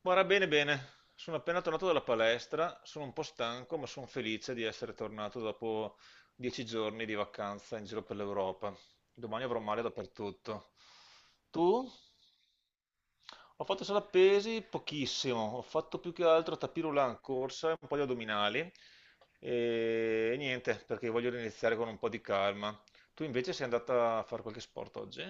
Guarda, bene, bene. Sono appena tornato dalla palestra, sono un po' stanco, ma sono felice di essere tornato dopo 10 giorni di vacanza in giro per l'Europa. Domani avrò male dappertutto. Tu? Ho fatto sala pesi pochissimo, ho fatto più che altro tapis roulant, corsa e un po' di addominali e niente, perché voglio iniziare con un po' di calma. Tu invece sei andata a fare qualche sport oggi?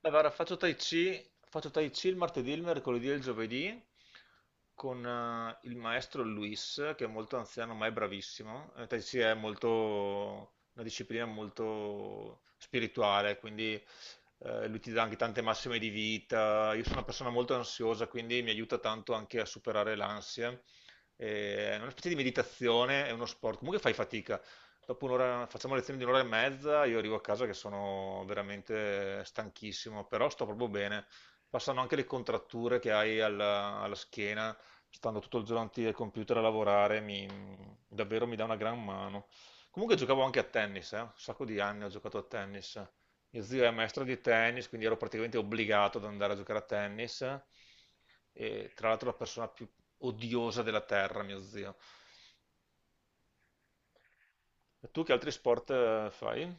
Beh, guarda, faccio Tai Chi il martedì, il mercoledì e il giovedì con il maestro Luis, che è molto anziano ma è bravissimo. Tai Chi è molto, una disciplina molto spirituale, quindi lui ti dà anche tante massime di vita. Io sono una persona molto ansiosa, quindi mi aiuta tanto anche a superare l'ansia. È una specie di meditazione, è uno sport. Comunque fai fatica dopo un'ora, facciamo lezioni di un'ora e mezza, io arrivo a casa che sono veramente stanchissimo, però sto proprio bene. Passano anche le contratture che hai alla schiena, stando tutto il giorno davanti al computer a lavorare, davvero mi dà una gran mano. Comunque giocavo anche a tennis, un sacco di anni ho giocato a tennis. Mio zio è maestro di tennis, quindi ero praticamente obbligato ad andare a giocare a tennis. E, tra l'altro, la persona più odiosa della terra, mio zio. Tu che altri sport fai?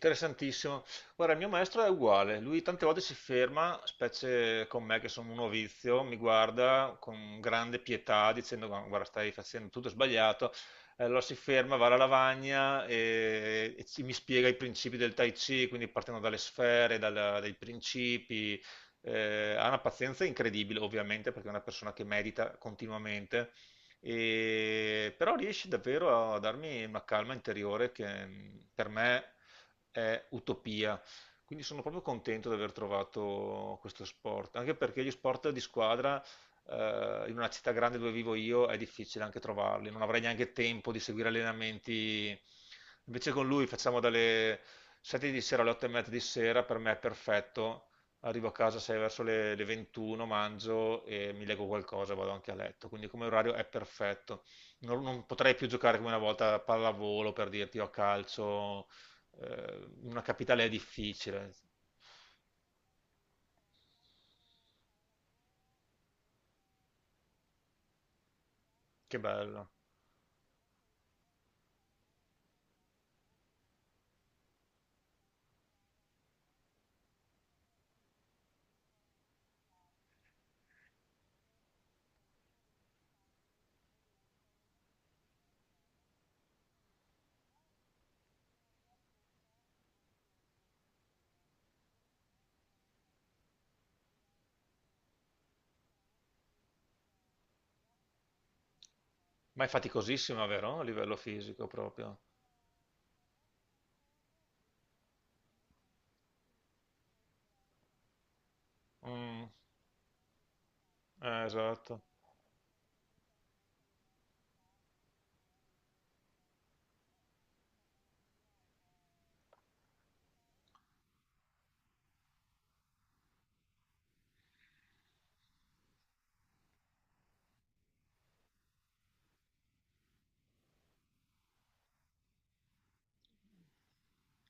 Interessantissimo. Guarda, il mio maestro è uguale, lui tante volte si ferma, specie con me che sono un novizio, mi guarda con grande pietà dicendo: guarda, stai facendo tutto sbagliato". Allora si ferma, va alla lavagna e, mi spiega i principi del Tai Chi, quindi partendo dalle sfere, dai principi. Ha una pazienza incredibile ovviamente perché è una persona che medita continuamente. Però riesce davvero a darmi una calma interiore che, per me è utopia. Quindi sono proprio contento di aver trovato questo sport, anche perché gli sport di squadra, in una città grande dove vivo io è difficile anche trovarli, non avrei neanche tempo di seguire allenamenti. Invece con lui facciamo dalle 7 di sera alle 8 e mezza di sera, per me è perfetto. Arrivo a casa 6 verso le 21, mangio e mi leggo qualcosa, vado anche a letto. Quindi come orario è perfetto. Non potrei più giocare come una volta a pallavolo per dirti o a calcio, in una capitale è difficile. Che bello. Ma è faticosissima, vero? A livello fisico proprio. Mm, esatto.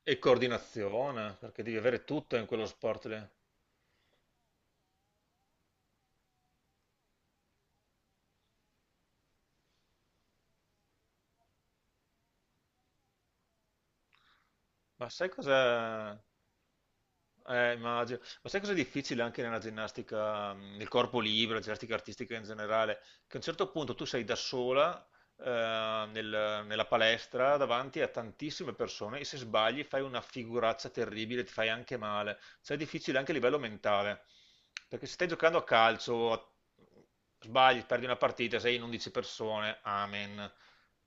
E coordinazione, perché devi avere tutto in quello sport lì. Ma sai cos'è? Immagino. Ma sai cosa è difficile anche nella ginnastica, nel corpo libero, la ginnastica artistica in generale? Che a un certo punto tu sei da sola, nella palestra davanti a tantissime persone, e se sbagli fai una figuraccia terribile, ti fai anche male. Cioè è difficile anche a livello mentale. Perché se stai giocando a calcio, sbagli, perdi una partita, sei in 11 persone, amen.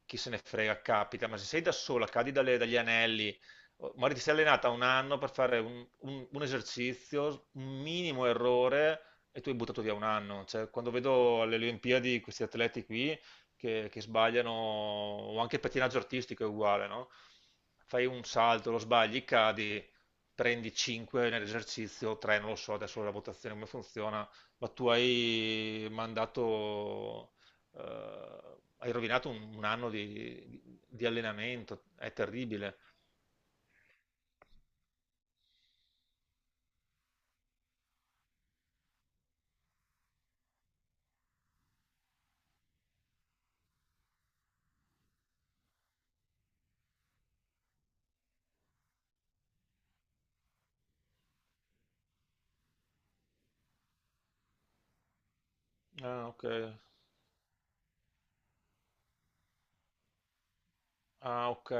Chi se ne frega, capita. Ma se sei da sola, cadi dagli anelli. Magari ti sei allenata un anno per fare un esercizio, un minimo errore, e tu hai buttato via un anno. Cioè, quando vedo alle Olimpiadi questi atleti qui che sbagliano, o anche il pattinaggio artistico è uguale, no? Fai un salto, lo sbagli, cadi, prendi 5 nell'esercizio, 3, non lo so adesso la votazione come funziona, ma tu hai mandato, hai rovinato un anno di allenamento, è terribile. Ah, ok. Ah, ok.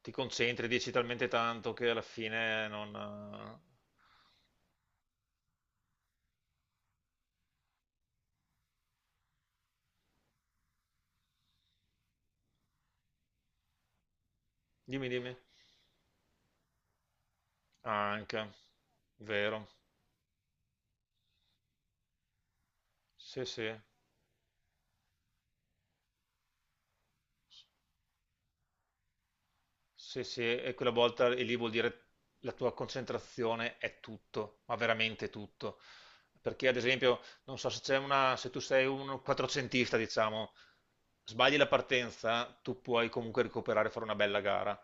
Ti concentri, dici talmente tanto che alla fine non. Dimmi, dimmi. Ah, anche. Vero. Sì, sì. Sì, sì. E quella volta e lì vuol dire la tua concentrazione è tutto, ma veramente tutto. Perché ad esempio, non so se c'è una... se tu sei un quattrocentista, diciamo, sbagli la partenza, tu puoi comunque recuperare e fare una bella gara.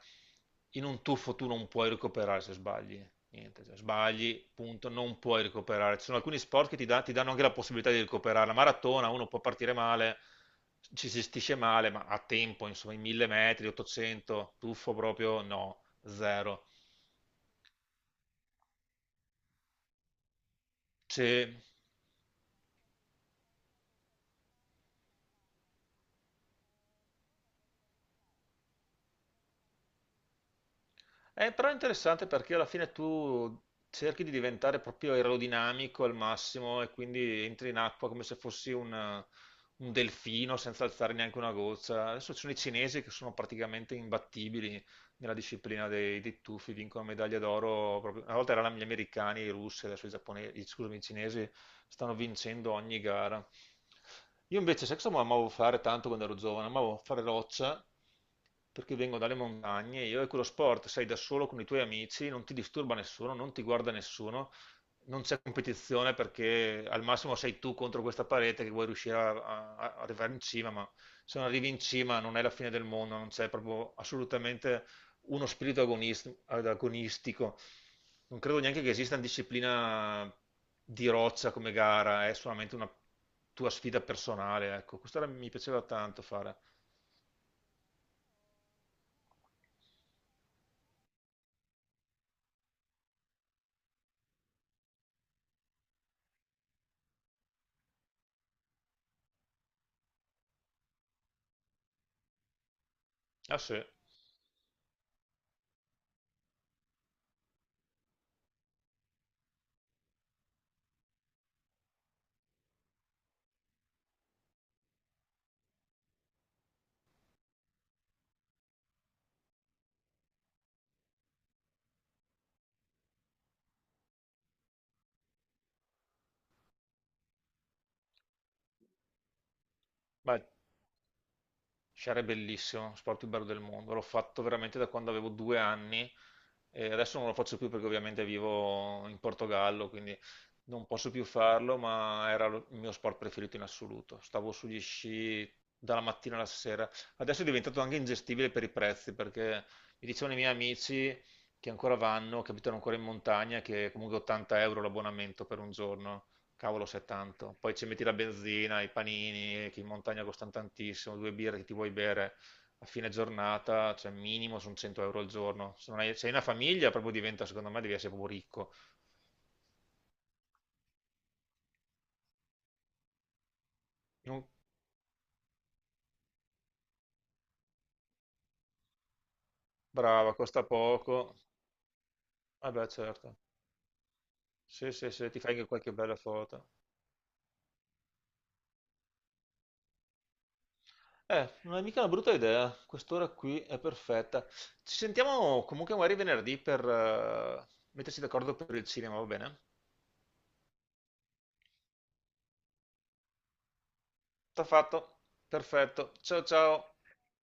In un tuffo tu non puoi recuperare se sbagli. Niente, cioè, sbagli, punto, non puoi recuperare. Ci sono alcuni sport che ti, ti danno anche la possibilità di recuperare. La maratona, uno può partire male, ci si gestisce male, ma a tempo, insomma, i 1000 metri, 800, tuffo proprio, no, zero. C'è- Però è interessante perché alla fine tu cerchi di diventare proprio aerodinamico al massimo e quindi entri in acqua come se fossi un delfino senza alzare neanche una goccia. Adesso ci sono i cinesi che sono praticamente imbattibili nella disciplina dei tuffi, vincono medaglia d'oro. Una volta erano gli americani e i russi, adesso i giapponesi, scusami, i cinesi stanno vincendo ogni gara. Io invece, sai cosa amavo fare tanto quando ero giovane? Amavo fare roccia perché vengo dalle montagne, io, e quello sport sei da solo con i tuoi amici, non ti disturba nessuno, non ti guarda nessuno, non c'è competizione perché al massimo sei tu contro questa parete che vuoi riuscire a, a arrivare in cima, ma se non arrivi in cima non è la fine del mondo, non c'è proprio assolutamente uno spirito agonistico. Non credo neanche che esista una disciplina di roccia come gara, è solamente una tua sfida personale, ecco. Mi piaceva tanto fare. Ah sì, ma sciare è bellissimo, sport più bello del mondo. L'ho fatto veramente da quando avevo 2 anni e adesso non lo faccio più perché ovviamente vivo in Portogallo, quindi non posso più farlo, ma era il mio sport preferito in assoluto. Stavo sugli sci dalla mattina alla sera. Adesso è diventato anche ingestibile per i prezzi perché mi dicevano i miei amici che ancora vanno, che abitano ancora in montagna, che comunque 80 € l'abbonamento per un giorno. Cavolo, se è tanto. Poi ci metti la benzina, i panini, che in montagna costano tantissimo, due birre che ti vuoi bere a fine giornata, cioè minimo sono 100 € al giorno. Se non hai, se hai una famiglia, proprio diventa, secondo me, devi essere proprio ricco. Non- Brava, costa poco. Vabbè, certo. Sì, sì, sì, ti fai anche qualche bella foto. Non è mica una brutta idea. Quest'ora qui è perfetta. Ci sentiamo comunque magari venerdì per, metterci d'accordo per il cinema, va bene? Sta fatto. Perfetto. Ciao ciao.